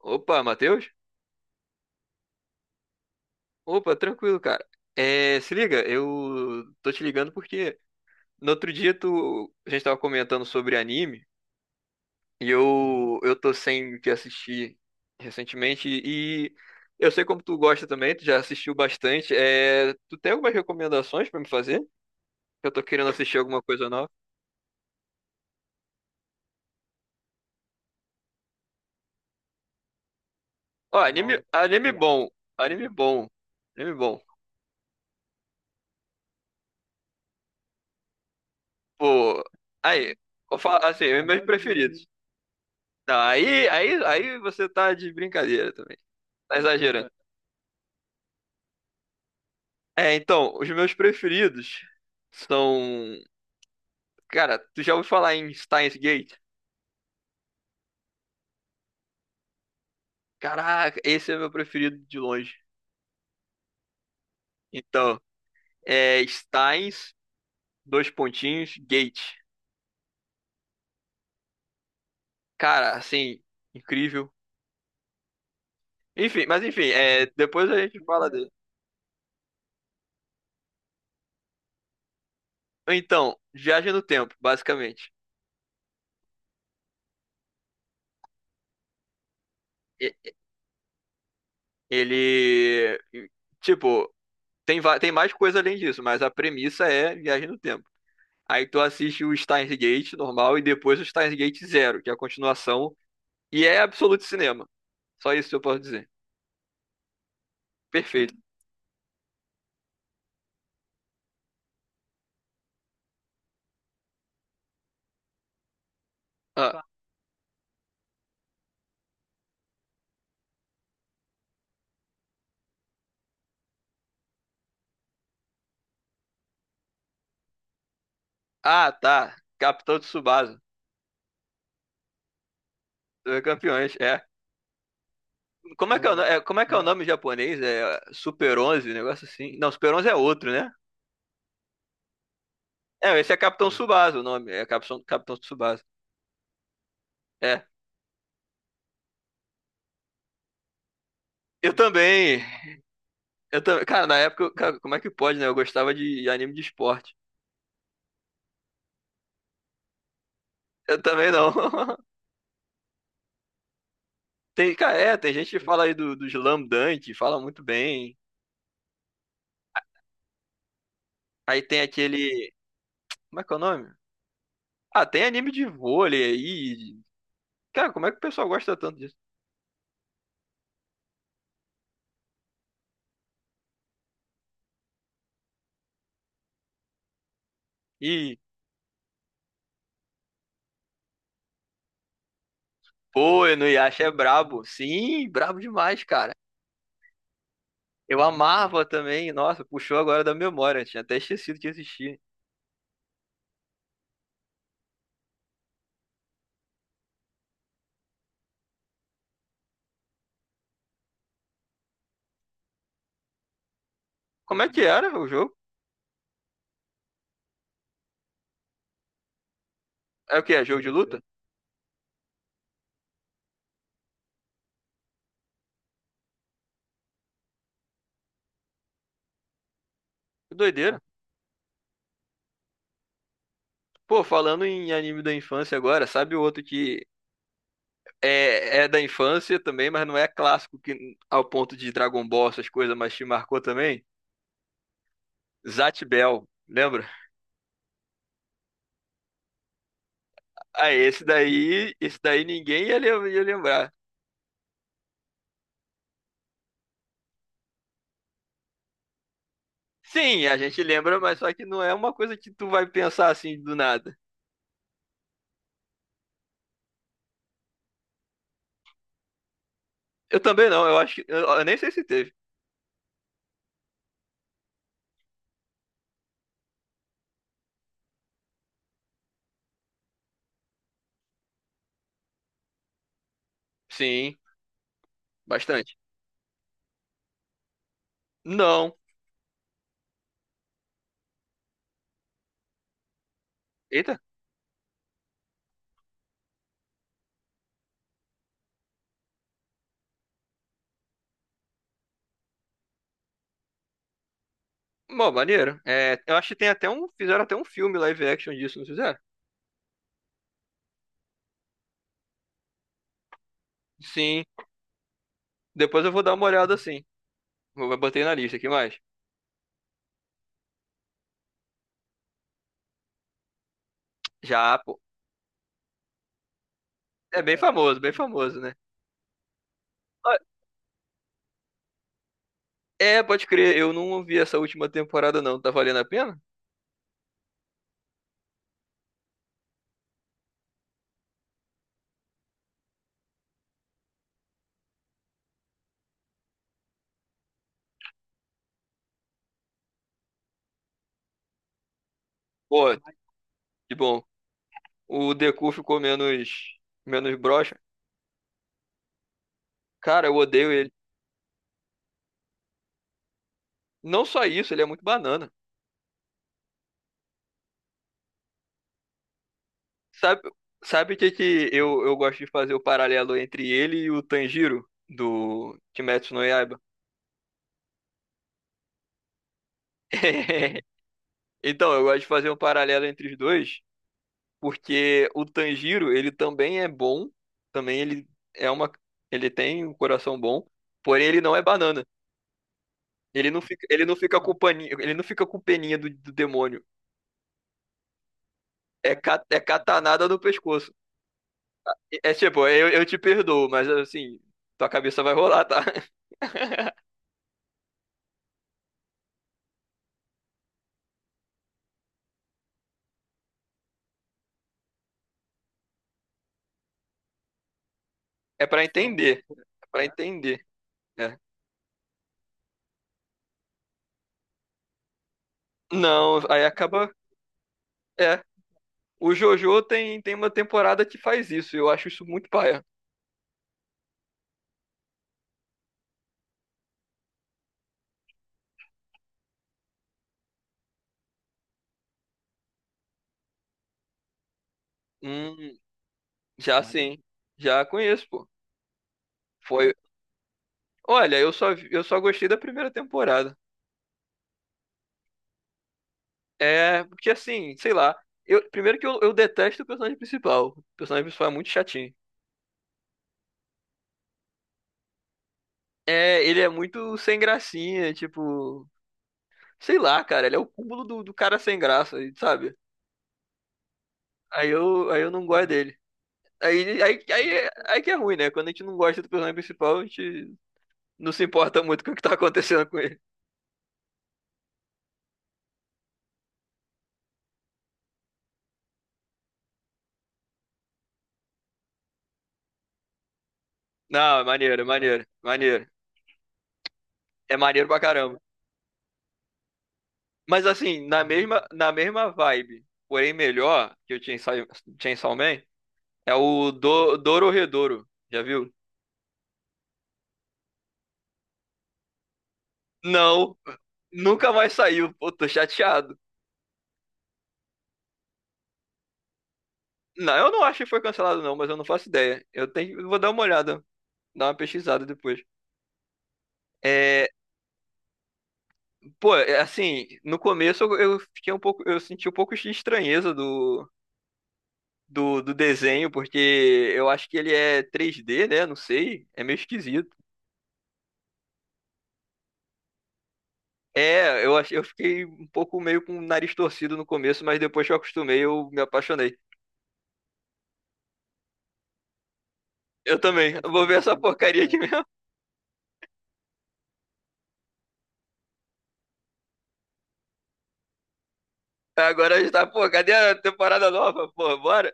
Opa, Matheus? Opa, tranquilo, cara. É, se liga, eu tô te ligando porque no outro dia tu, a gente tava comentando sobre anime e eu tô sem o que assistir recentemente e eu sei como tu gosta também, tu já assistiu bastante. É, tu tem algumas recomendações pra me fazer? Eu tô querendo assistir alguma coisa nova. Ó, anime, não, anime legal. Bom, anime bom, anime bom. Pô, aí, vou falar assim, os meus preferidos. Não, aí, aí você tá de brincadeira também. Tá exagerando. É, então, os meus preferidos são. Cara, tu já ouviu falar em Steins Gate? Caraca, esse é meu preferido de longe. Então, é Steins, dois pontinhos, Gate. Cara, assim, incrível. Enfim, mas enfim, é, depois a gente fala dele. Então, Viagem no Tempo, basicamente. E- Ele. Tipo, tem, tem mais coisa além disso, mas a premissa é Viagem no Tempo. Aí tu assiste o Steins Gate normal e depois o Steins Gate Zero, que é a continuação. E é absoluto cinema. Só isso que eu posso dizer. Perfeito. Ah, ah, tá. Capitão Tsubasa. Dois Campeões, é. Como é que é o, é, como é que é o nome em japonês? É Super 11, um negócio assim. Não, Super 11 é outro, né? É, esse é Capitão Tsubasa o nome. É Capitão, Capitão Tsubasa. É. Eu também. Eu também. Cara, na época, cara, como é que pode, né? Eu gostava de anime de esporte. Eu também não. Tem, cara, é, tem gente que fala aí do Slam Dunk, fala muito bem. Aí tem aquele. Como é que é o nome? Ah, tem anime de vôlei aí. Cara, como é que o pessoal gosta tanto disso? E, pô, no Inuyasha é brabo. Sim, brabo demais, cara. Eu amava também. Nossa, puxou agora da memória. Tinha até esquecido que existia. Como é que era o jogo? É o que? É jogo de luta? Que doideira. Pô, falando em anime da infância agora, sabe o outro que é da infância também, mas não é clássico que, ao ponto de Dragon Ball, essas coisas, mas te marcou também. Zatch Bell, lembra? Ah, esse daí ninguém ia, ia lembrar. Sim, a gente lembra, mas só que não é uma coisa que tu vai pensar assim do nada. Eu também não, eu acho que. Eu nem sei se teve. Sim, bastante. Não. Eita. Bom, maneiro. É, eu acho que tem até um. Fizeram até um filme live action disso, não fizeram? Sim. Depois eu vou dar uma olhada assim. Botei na lista aqui mais. Já, pô. É bem famoso, né? Ah, é, pode crer, eu não ouvi essa última temporada, não. Tá valendo a pena? Pô, que bom. O Deku ficou menos, menos broxa. Cara, eu odeio ele. Não só isso, ele é muito banana. Sabe, sabe o que que eu gosto de fazer o paralelo entre ele e o Tanjiro do Kimetsu no Yaiba? Então, eu gosto de fazer um paralelo entre os dois. Porque o Tanjiro, ele também é bom, também ele é uma, ele tem um coração bom, porém ele não é banana. Ele não fica com paninho, ele não fica com peninha do demônio. É, é catanada no pescoço. É tipo, eu te perdoo, mas assim, tua cabeça vai rolar, tá? É pra entender, é pra entender. É. Não, aí acaba, é. O JoJo tem, tem uma temporada que faz isso, eu acho isso muito paia. Hum, já sim, já conheço, pô. Foi, olha, eu só, eu só gostei da primeira temporada. É, porque assim, sei lá. Eu, primeiro que eu detesto o personagem principal. O personagem principal é muito chatinho. É, ele é muito sem gracinha, tipo. Sei lá, cara, ele é o cúmulo do cara sem graça, sabe? Aí eu não gosto dele. Aí, aí que é ruim, né? Quando a gente não gosta do personagem principal, a gente não se importa muito com o que tá acontecendo com ele. Não, é maneiro. É maneiro pra caramba. Mas assim, na mesma vibe, porém melhor que o Chainsaw, Chainsaw Man, é o Dororedoro. Já viu? Não, nunca mais saiu. Pô, tô chateado. Não, eu não acho que foi cancelado, não, mas eu não faço ideia. Eu tenho, eu vou dar uma olhada, dar uma pesquisada depois. É, pô, é assim, no começo eu fiquei um pouco, eu senti um pouco de estranheza do, do desenho, porque eu acho que ele é 3D, né? Não sei, é meio esquisito. É, eu, eu fiquei um pouco meio com o nariz torcido no começo, mas depois que eu acostumei, eu me apaixonei. Eu também. Eu vou ver essa porcaria aqui mesmo. Agora a gente tá, pô, cadê a temporada nova? Pô, bora.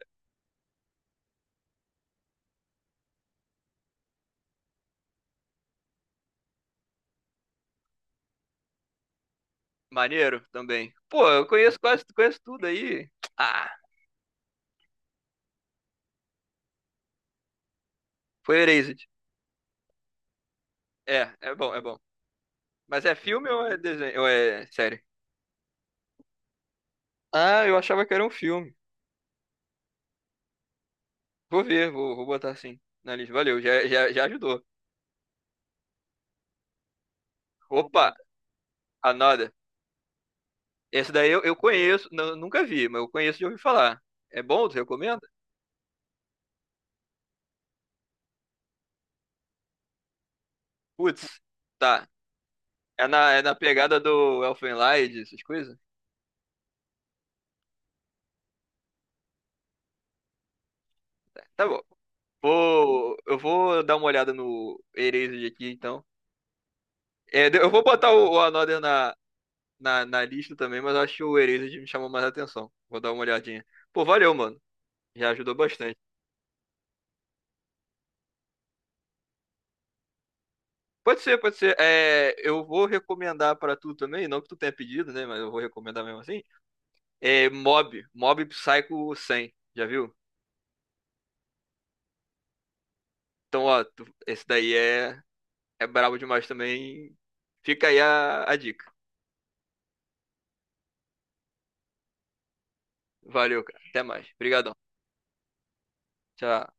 Maneiro também. Pô, eu conheço quase, conheço tudo aí. Ah, foi Erased. É, é bom, é bom. Mas é filme ou é desenho? Ou é série? Ah, eu achava que era um filme. Vou ver, vou, vou botar assim na lista. Valeu, já, já, já ajudou. Opa, another. Esse daí eu conheço, não, nunca vi, mas eu conheço de ouvir falar. É bom? Tu recomenda? Putz, tá. É na pegada do Elfenlied, essas coisas? Tá, tá bom. Vou, eu vou dar uma olhada no Erased aqui, então. É, eu vou botar o Another na, na, na lista também, mas acho que o Erased me chamou mais atenção. Vou dar uma olhadinha. Pô, valeu, mano. Já ajudou bastante. Pode ser, pode ser. É, eu vou recomendar pra tu também, não que tu tenha pedido, né? Mas eu vou recomendar mesmo assim. É Mob, Mob Psycho 100, já viu? Então, ó, esse daí é, é brabo demais também. Fica aí a dica. Valeu, cara. Até mais. Obrigadão. Tchau.